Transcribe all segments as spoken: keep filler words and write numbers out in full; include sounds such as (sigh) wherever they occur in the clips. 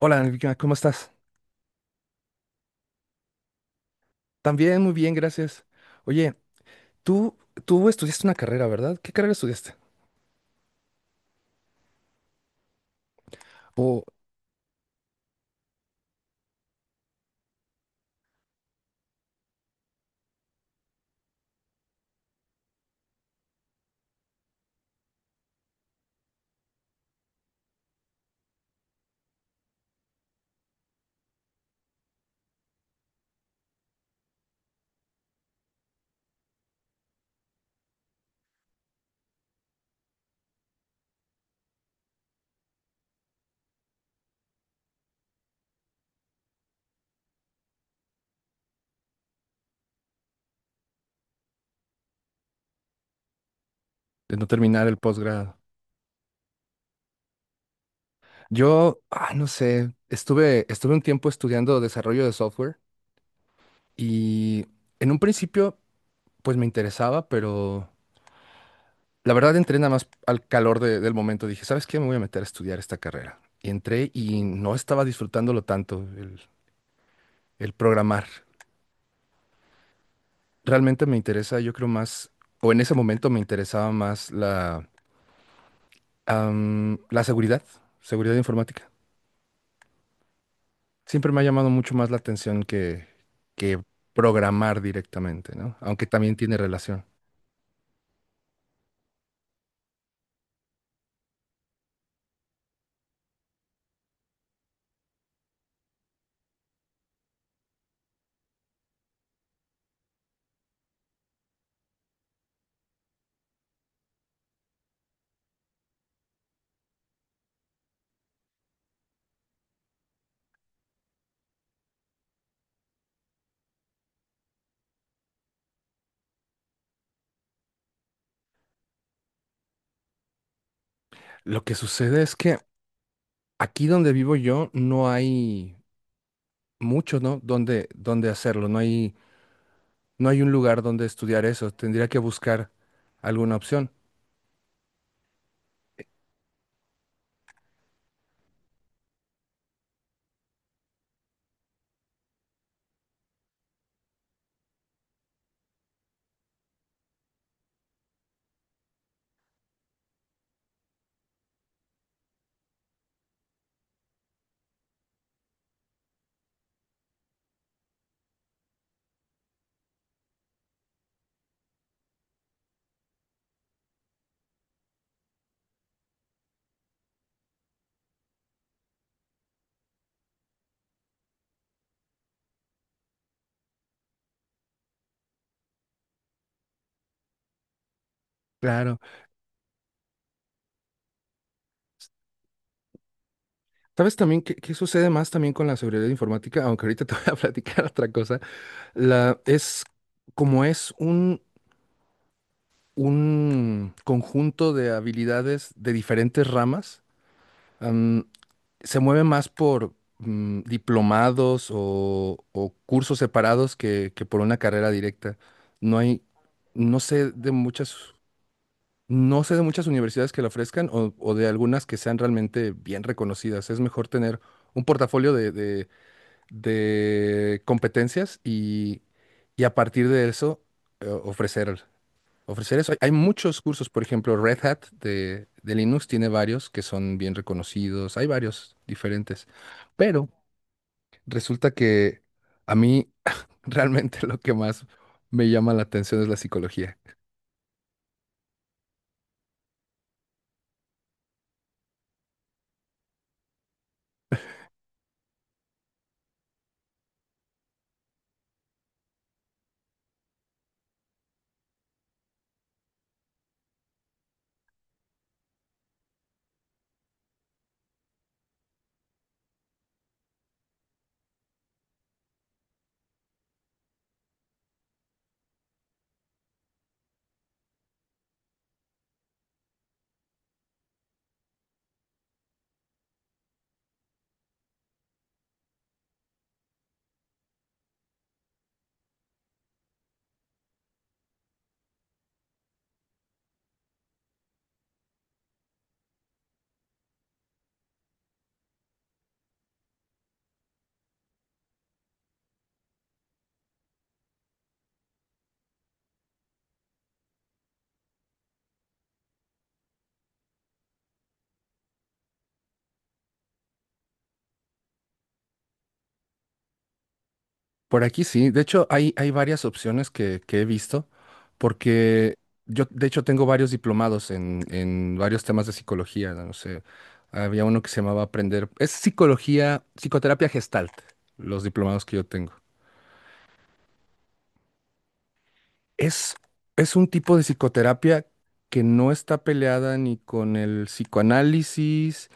Hola, Angélica, ¿cómo estás? También muy bien, gracias. Oye, tú, tú estudiaste una carrera, ¿verdad? ¿Qué carrera estudiaste? O de no terminar el posgrado. Yo, ah, no sé, estuve, estuve un tiempo estudiando desarrollo de software y en un principio, pues me interesaba, pero la verdad entré nada más al calor de- del momento. Dije, ¿sabes qué? Me voy a meter a estudiar esta carrera. Y entré y no estaba disfrutándolo tanto, el, el programar. Realmente me interesa, yo creo más, o en ese momento me interesaba más. Am, la seguridad, seguridad informática. Siempre me ha llamado mucho más la atención que, que programar directamente, ¿no? Aunque también tiene relación. Lo que sucede es que aquí donde vivo yo no hay mucho, ¿no? Donde, donde hacerlo. No hay, no hay un lugar donde estudiar eso. Tendría que buscar alguna opción. Claro. ¿Sabes también qué, qué sucede más también con la seguridad informática? Aunque ahorita (laughs) te voy a (laughs) platicar otra cosa. La, es como es un un conjunto de habilidades de diferentes ramas. am, Se mueve más por mm, diplomados o, o cursos separados que, que por una carrera directa. No hay, no sé de muchas, no sé de muchas universidades que la ofrezcan o, o de algunas que sean realmente bien reconocidas. Es mejor tener un portafolio de, de- de competencias y, y a partir de eso eh, ofrecer ofrecer eso. Hay muchos cursos, por ejemplo, Red Hat de, de Linux tiene varios que son bien reconocidos, hay varios diferentes, pero resulta que a mí realmente (laughs) lo que más me llama la atención es la psicología. Por aquí sí, de hecho hay, hay varias opciones que, que he visto, porque yo de hecho tengo varios diplomados en, en varios temas de psicología, no sé, había uno que se llamaba Aprender, es psicología, psicoterapia gestalt, los diplomados que yo tengo. Es, es un tipo de psicoterapia que no está peleada ni con el psicoanálisis,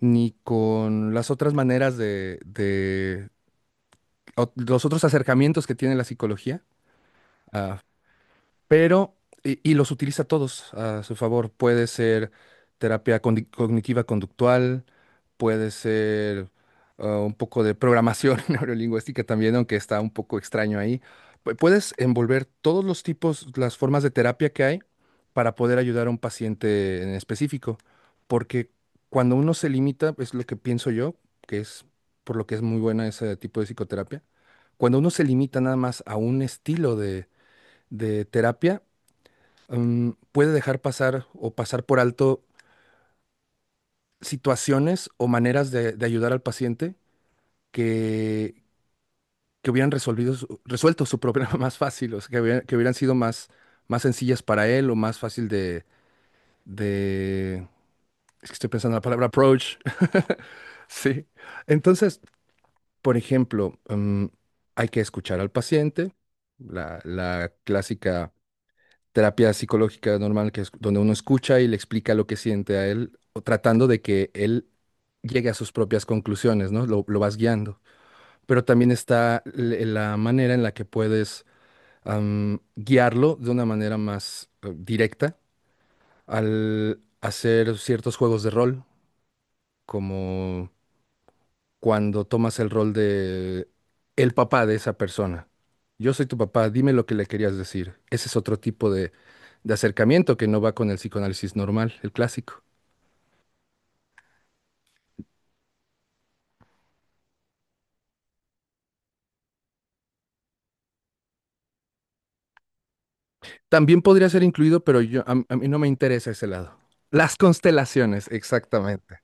ni con las otras maneras de, de o- los otros acercamientos que tiene la psicología, pero y, y los utiliza todos a su favor. Puede ser terapia condi- cognitiva conductual, puede ser ah, un poco de programación (laughs) neurolingüística también, aunque está un poco extraño ahí. Pu- Puedes envolver todos los tipos, las formas de terapia que hay para poder ayudar a un paciente en específico, porque cuando uno se limita, es lo que pienso yo, que es por lo que es muy buena ese tipo de psicoterapia, cuando uno se limita nada más a un estilo de de terapia, em, puede dejar pasar o pasar por alto situaciones o maneras de, de ayudar al paciente que, que hubieran resolvido su- resuelto su problema (laughs) más fácil, o sea, que hubieran, que hubieran sido más, más sencillas para él o más fácil de, de... Es que estoy pensando en la palabra approach. (laughs) Sí. Entonces, por ejemplo, em, hay que escuchar al paciente, la la clásica terapia psicológica normal, que es donde uno escucha y le explica lo que siente a él, o tratando de que él llegue a sus propias conclusiones, ¿no? Lo, lo vas guiando. Pero también está l- la manera en la que puedes am, guiarlo de una manera más eh, directa al hacer ciertos juegos de rol, como cuando tomas el rol de el papá de esa persona. Yo soy tu papá, dime lo que le querías decir. Ese es otro tipo de, de acercamiento que no va con el psicoanálisis normal, el clásico. También podría ser incluido, pero yo, a, a mí no me interesa ese lado. Las constelaciones, exactamente.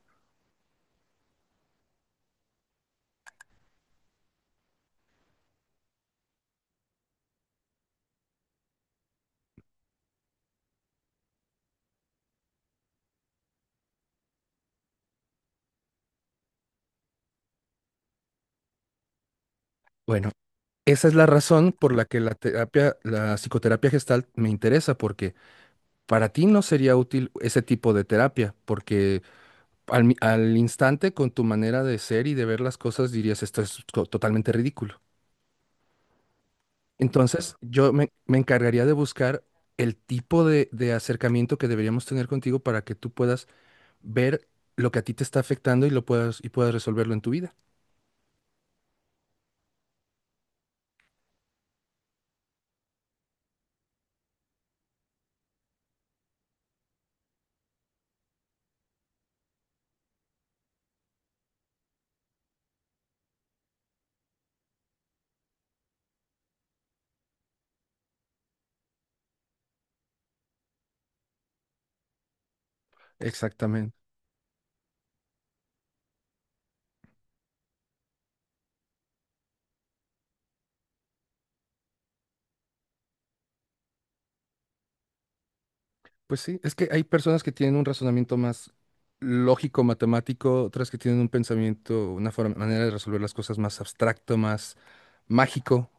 Bueno, esa es la razón por la que la terapia, la psicoterapia gestal me interesa, porque para ti no sería útil ese tipo de terapia, porque al, mi- al instante con tu manera de ser y de ver las cosas dirías, esto es co- totalmente ridículo. Entonces, yo me, me encargaría de buscar el tipo de, de acercamiento que deberíamos tener contigo para que tú puedas ver lo que a ti te está afectando y lo puedas y puedas resolverlo en tu vida. Exactamente. Pues sí, es que hay personas que tienen un razonamiento más lógico, matemático, otras que tienen un pensamiento, una forma, manera de resolver las cosas más abstracto, más mágico,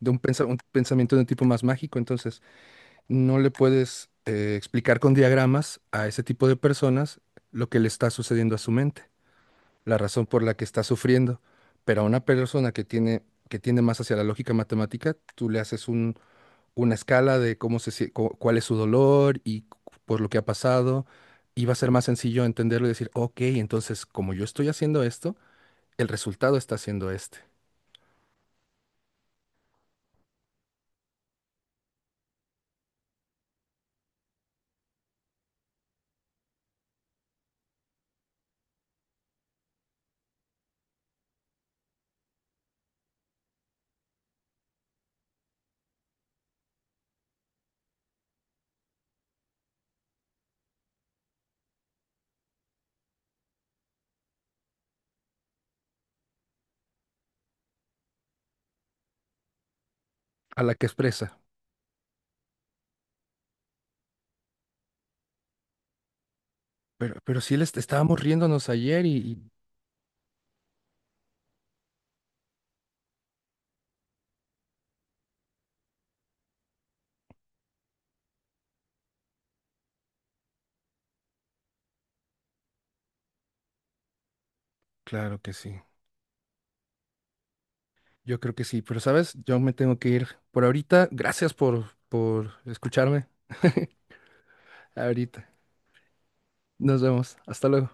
de un, pensa- un pensamiento de un tipo más mágico, entonces no le puedes eh, explicar con diagramas a ese tipo de personas lo que le está sucediendo a su mente, la razón por la que está sufriendo. Pero a una persona que tiene, que tiende más hacia la lógica matemática, tú le haces un- una escala de cómo se, sie- cu- cuál es su dolor y cu- por lo que ha pasado, y va a ser más sencillo entenderlo y decir, ok, entonces como yo estoy haciendo esto, el resultado está siendo este, a la que expresa. Pero, pero sí les estábamos riéndonos ayer y y- claro que sí. Yo creo que sí, pero sabes, yo me tengo que ir por ahorita. Gracias por, por escucharme. (laughs) Ahorita. Nos vemos. Hasta luego.